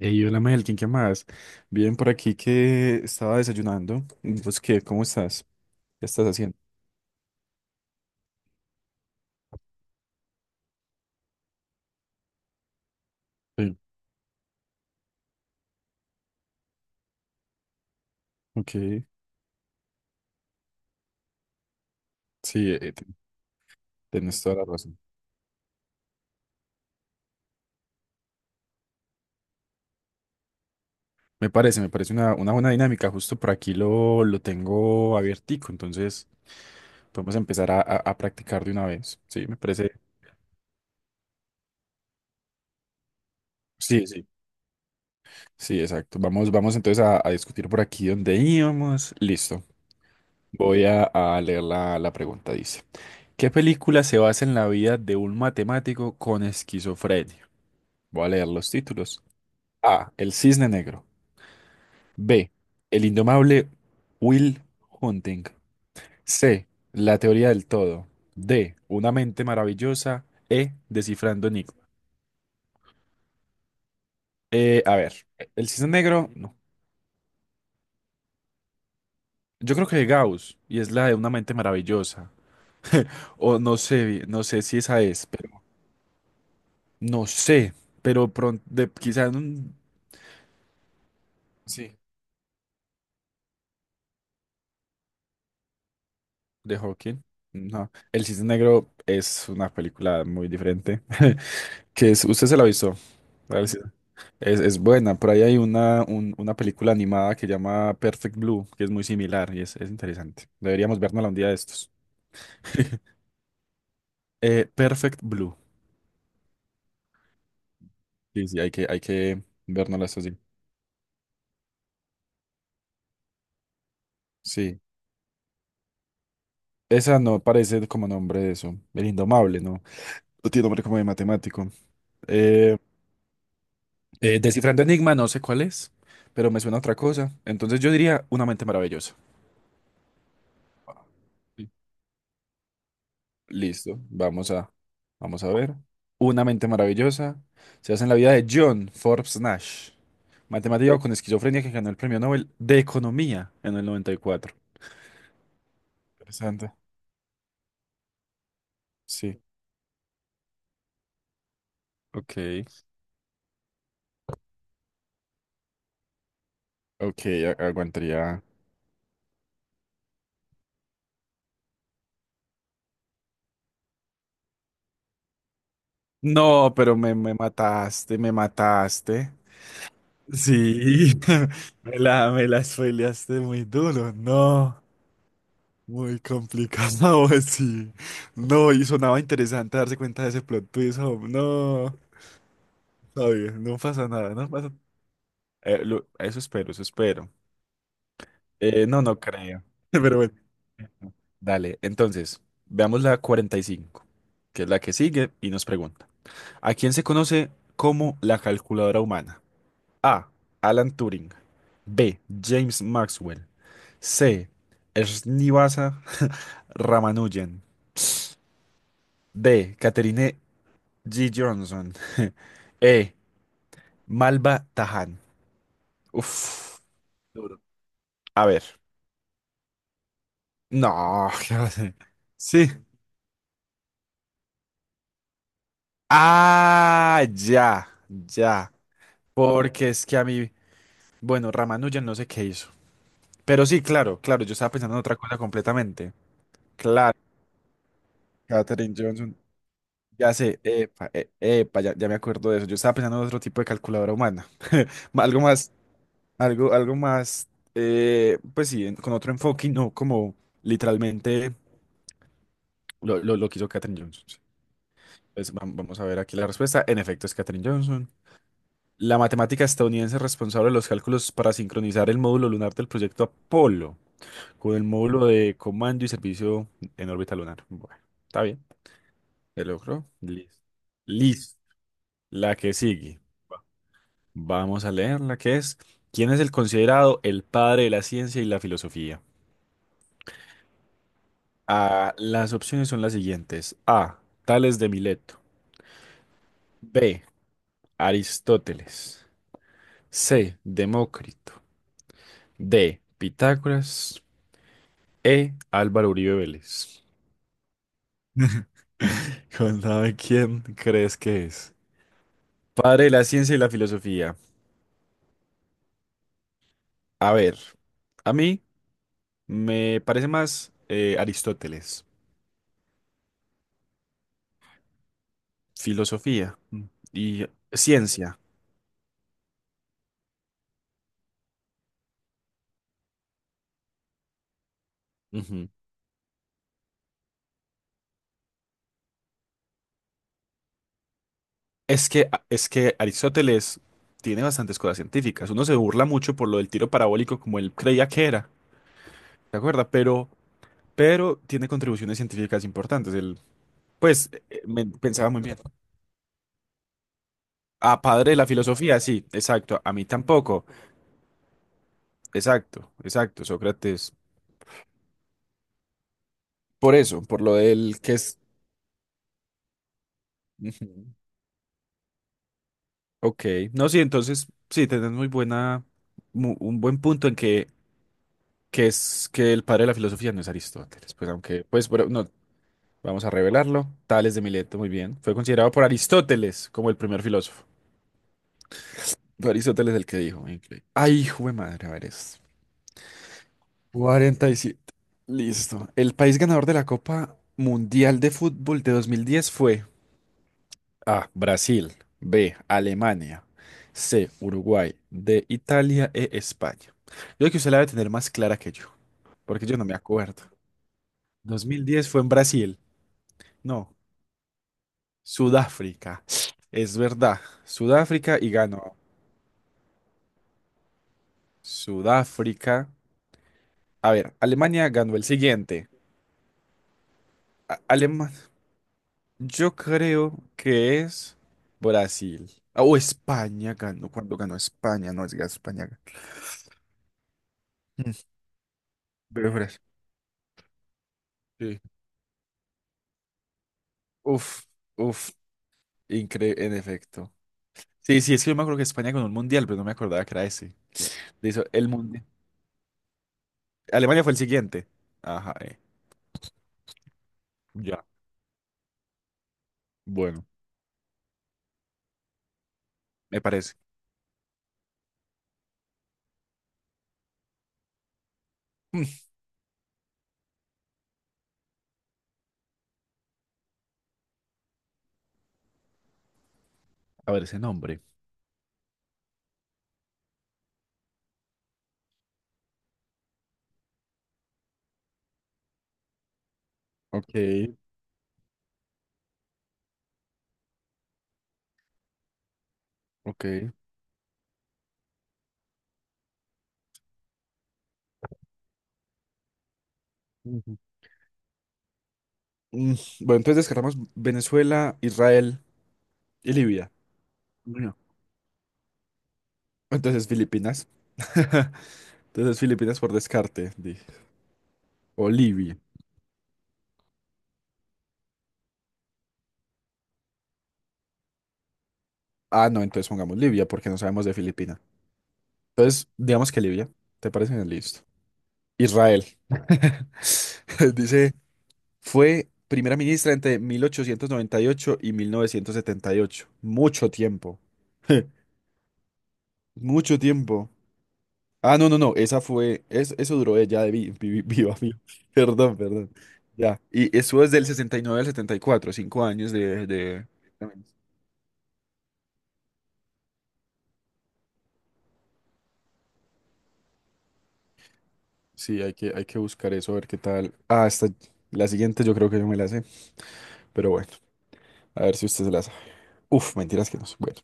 Ey, hola Melkin, ¿qué más? Bien, por aquí que estaba desayunando. ¿Vos qué? ¿Cómo estás? ¿Qué estás haciendo? Sí, ok. Sí, tenés toda la razón. Me parece una buena dinámica. Justo por aquí lo tengo abiertico, entonces podemos empezar a practicar de una vez. Sí, me parece. Sí, sí, sí, exacto. Vamos, vamos entonces a discutir por aquí donde íbamos. Listo. Voy a leer la pregunta, dice. ¿Qué película se basa en la vida de un matemático con esquizofrenia? Voy a leer los títulos. A. El cisne negro. B. El indomable Will Hunting. C. La teoría del todo. D. Una mente maravillosa. E. Descifrando Nick. A ver, el cisne negro, no. Yo creo que de Gauss, y es la de una mente maravillosa. O no sé si esa es, pero no sé. Pero pronto, quizás un. Sí. De Hawking. No. El cisne negro es una película muy diferente. Que es, ¿usted se la avisó? Gracias. Es buena. Por ahí hay una película animada que llama Perfect Blue, que es muy similar y es interesante. Deberíamos vernosla un día de estos. Perfect Blue. Sí, sí, hay que vernosla estos días. Sí. Esa no parece como nombre de eso. El Indomable, ¿no? No tiene nombre como de matemático. Eh, Descifrando Enigma, no sé cuál es, pero me suena a otra cosa. Entonces yo diría Una mente maravillosa. Listo, vamos a ver. Una mente maravillosa. Se hace en la vida de John Forbes Nash, matemático con esquizofrenia que ganó el premio Nobel de Economía en el 94. Interesante. Sí, Ok. Ok, aguantaría. No, pero me mataste, me mataste. Sí, me la spoileaste muy duro, no, muy complicado, sí, no, y sonaba interesante darse cuenta de ese plot twist, hom, no, está bien, no pasa nada, no pasa. Eso espero, eso espero. No, no creo. Pero bueno. Dale, entonces, veamos la 45, que es la que sigue y nos pregunta. ¿A quién se conoce como la calculadora humana? A. Alan Turing. B. James Maxwell. C. Srinivasa Ramanujan. D. Catherine G. Johnson. E. Malva Tahan. Uf. Duro. A ver. No, ¿qué va a ser? Sí. Ah, ya, ya. Porque es que a mí, bueno, Ramanujan no sé qué hizo. Pero sí, claro, claro, yo estaba pensando en otra cosa completamente. Claro, Katherine Johnson. Ya sé, epa, epa, ya, ya me acuerdo de eso. Yo estaba pensando en otro tipo de calculadora humana. Algo más, algo más, pues sí, con otro enfoque y no como literalmente lo que hizo Katherine Johnson. Sí. Pues, vamos a ver aquí la respuesta. En efecto, es Katherine Johnson. La matemática estadounidense responsable de los cálculos para sincronizar el módulo lunar del proyecto Apolo con el módulo de comando y servicio en órbita lunar. Bueno, está bien. Se logró. Listo. Listo. La que sigue. Vamos a leer la que es. ¿Quién es el considerado el padre de la ciencia y la filosofía? Ah, las opciones son las siguientes. A. Tales de Mileto. B. Aristóteles. C. Demócrito. D. Pitágoras. E. Álvaro Uribe Vélez. Contame quién crees que es. Padre de la ciencia y la filosofía. A ver, a mí me parece más Aristóteles. Filosofía y ciencia. Ujú. Es que Aristóteles tiene bastantes cosas científicas. Uno se burla mucho por lo del tiro parabólico como él creía que era, ¿te acuerdas? Pero tiene contribuciones científicas importantes. Él, pues, pensaba muy bien. Ah, padre de la filosofía, sí, exacto. A mí tampoco. Exacto, exacto, Sócrates. Por eso, por lo del que es. Ujú. Ok. No, sí, entonces, sí, tenés muy buena, un buen punto en que es que el padre de la filosofía no es Aristóteles. Pues aunque, pues, bueno, no, vamos a revelarlo. Tales de Mileto, muy bien. Fue considerado por Aristóteles como el primer filósofo. Fue Aristóteles el que dijo, increíble. Ay, hijo de madre, a ver esto. 47. Listo. El país ganador de la Copa Mundial de Fútbol de 2010 fue A. Brasil. B. Alemania. C. Uruguay. D. Italia. E. España. Yo creo que usted la debe tener más clara que yo, porque yo no me acuerdo. 2010 fue en Brasil. No, Sudáfrica. Es verdad. Sudáfrica y ganó. Sudáfrica. A ver, Alemania ganó el siguiente. Alemania. Yo creo que es Brasil. Ah, O España ganó. Cuando ganó España, no es que España, ganó. Mm, Pero Brasil. Sí. Uf, uf, incre en efecto. Sí, sí, es que yo me acuerdo que España ganó un mundial, pero no me acordaba que era ese. Le hizo el mundial. Alemania fue el siguiente. Ajá, Ya. Bueno, me parece. Mm, A ver ese nombre. Ok, ok. Ujú. Mm, Bueno, entonces descartamos Venezuela, Israel y Libia. No. Entonces Filipinas. Entonces Filipinas por descarte, dije. O Libia. Ah, no, entonces pongamos Libia porque no sabemos de Filipinas. Entonces, digamos que Libia. ¿Te parece bien? Listo. Israel. Dice, fue primera ministra entre 1898 y 1978. Mucho tiempo. Mucho tiempo. Ah, no, no, no. Esa fue, eso duró ella de viva, viva. Perdón, perdón. Ya. Y eso es del 69 al 74, 5 años. Sí, hay que buscar eso, a ver qué tal. Ah, esta, la siguiente yo creo que yo me la sé, pero bueno, a ver si usted se la sabe. Uf, mentiras que no. Bueno.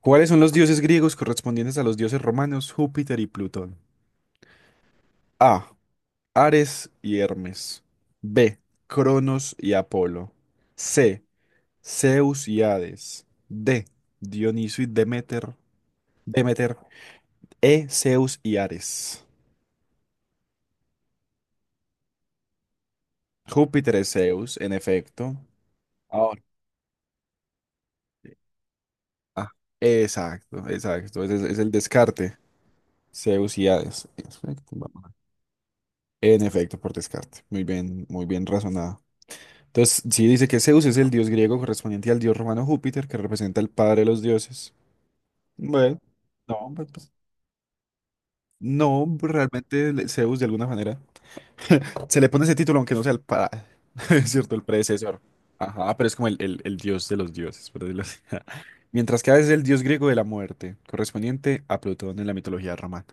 ¿Cuáles son los dioses griegos correspondientes a los dioses romanos Júpiter y Plutón? A. Ares y Hermes. B. Cronos y Apolo. C. Zeus y Hades. D. Dioniso y Demeter. Demeter. E. Zeus y Ares. Júpiter es Zeus, en efecto. Ahora. Ah, exacto, exacto. Ese es el descarte. Zeus y Hades. Perfecto, En efecto, por descarte. Muy bien razonado. Entonces, sí dice que Zeus es el dios griego correspondiente al dios romano Júpiter, que representa el padre de los dioses. Bueno, no, pues, no, realmente Zeus de alguna manera se le pone ese título, aunque no sea el padre, es cierto, el predecesor. Ajá, pero es como el dios de los dioses, por decirlo así. Mientras que Hades es el dios griego de la muerte, correspondiente a Plutón en la mitología romana.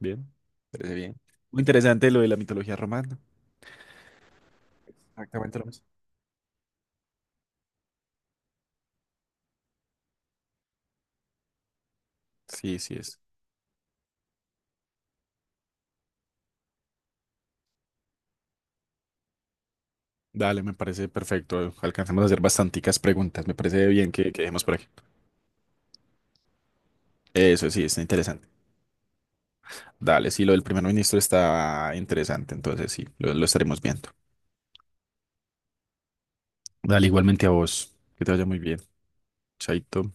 Bien, parece bien. Muy interesante lo de la mitología romana. Exactamente lo mismo. Sí, sí es. Dale, me parece perfecto. Alcanzamos a hacer bastanticas preguntas. Me parece bien que dejemos por aquí. Eso sí, está interesante. Dale, sí, lo del primer ministro está interesante. Entonces sí, lo estaremos viendo. Dale, igualmente a vos. Que te vaya muy bien. Chaito.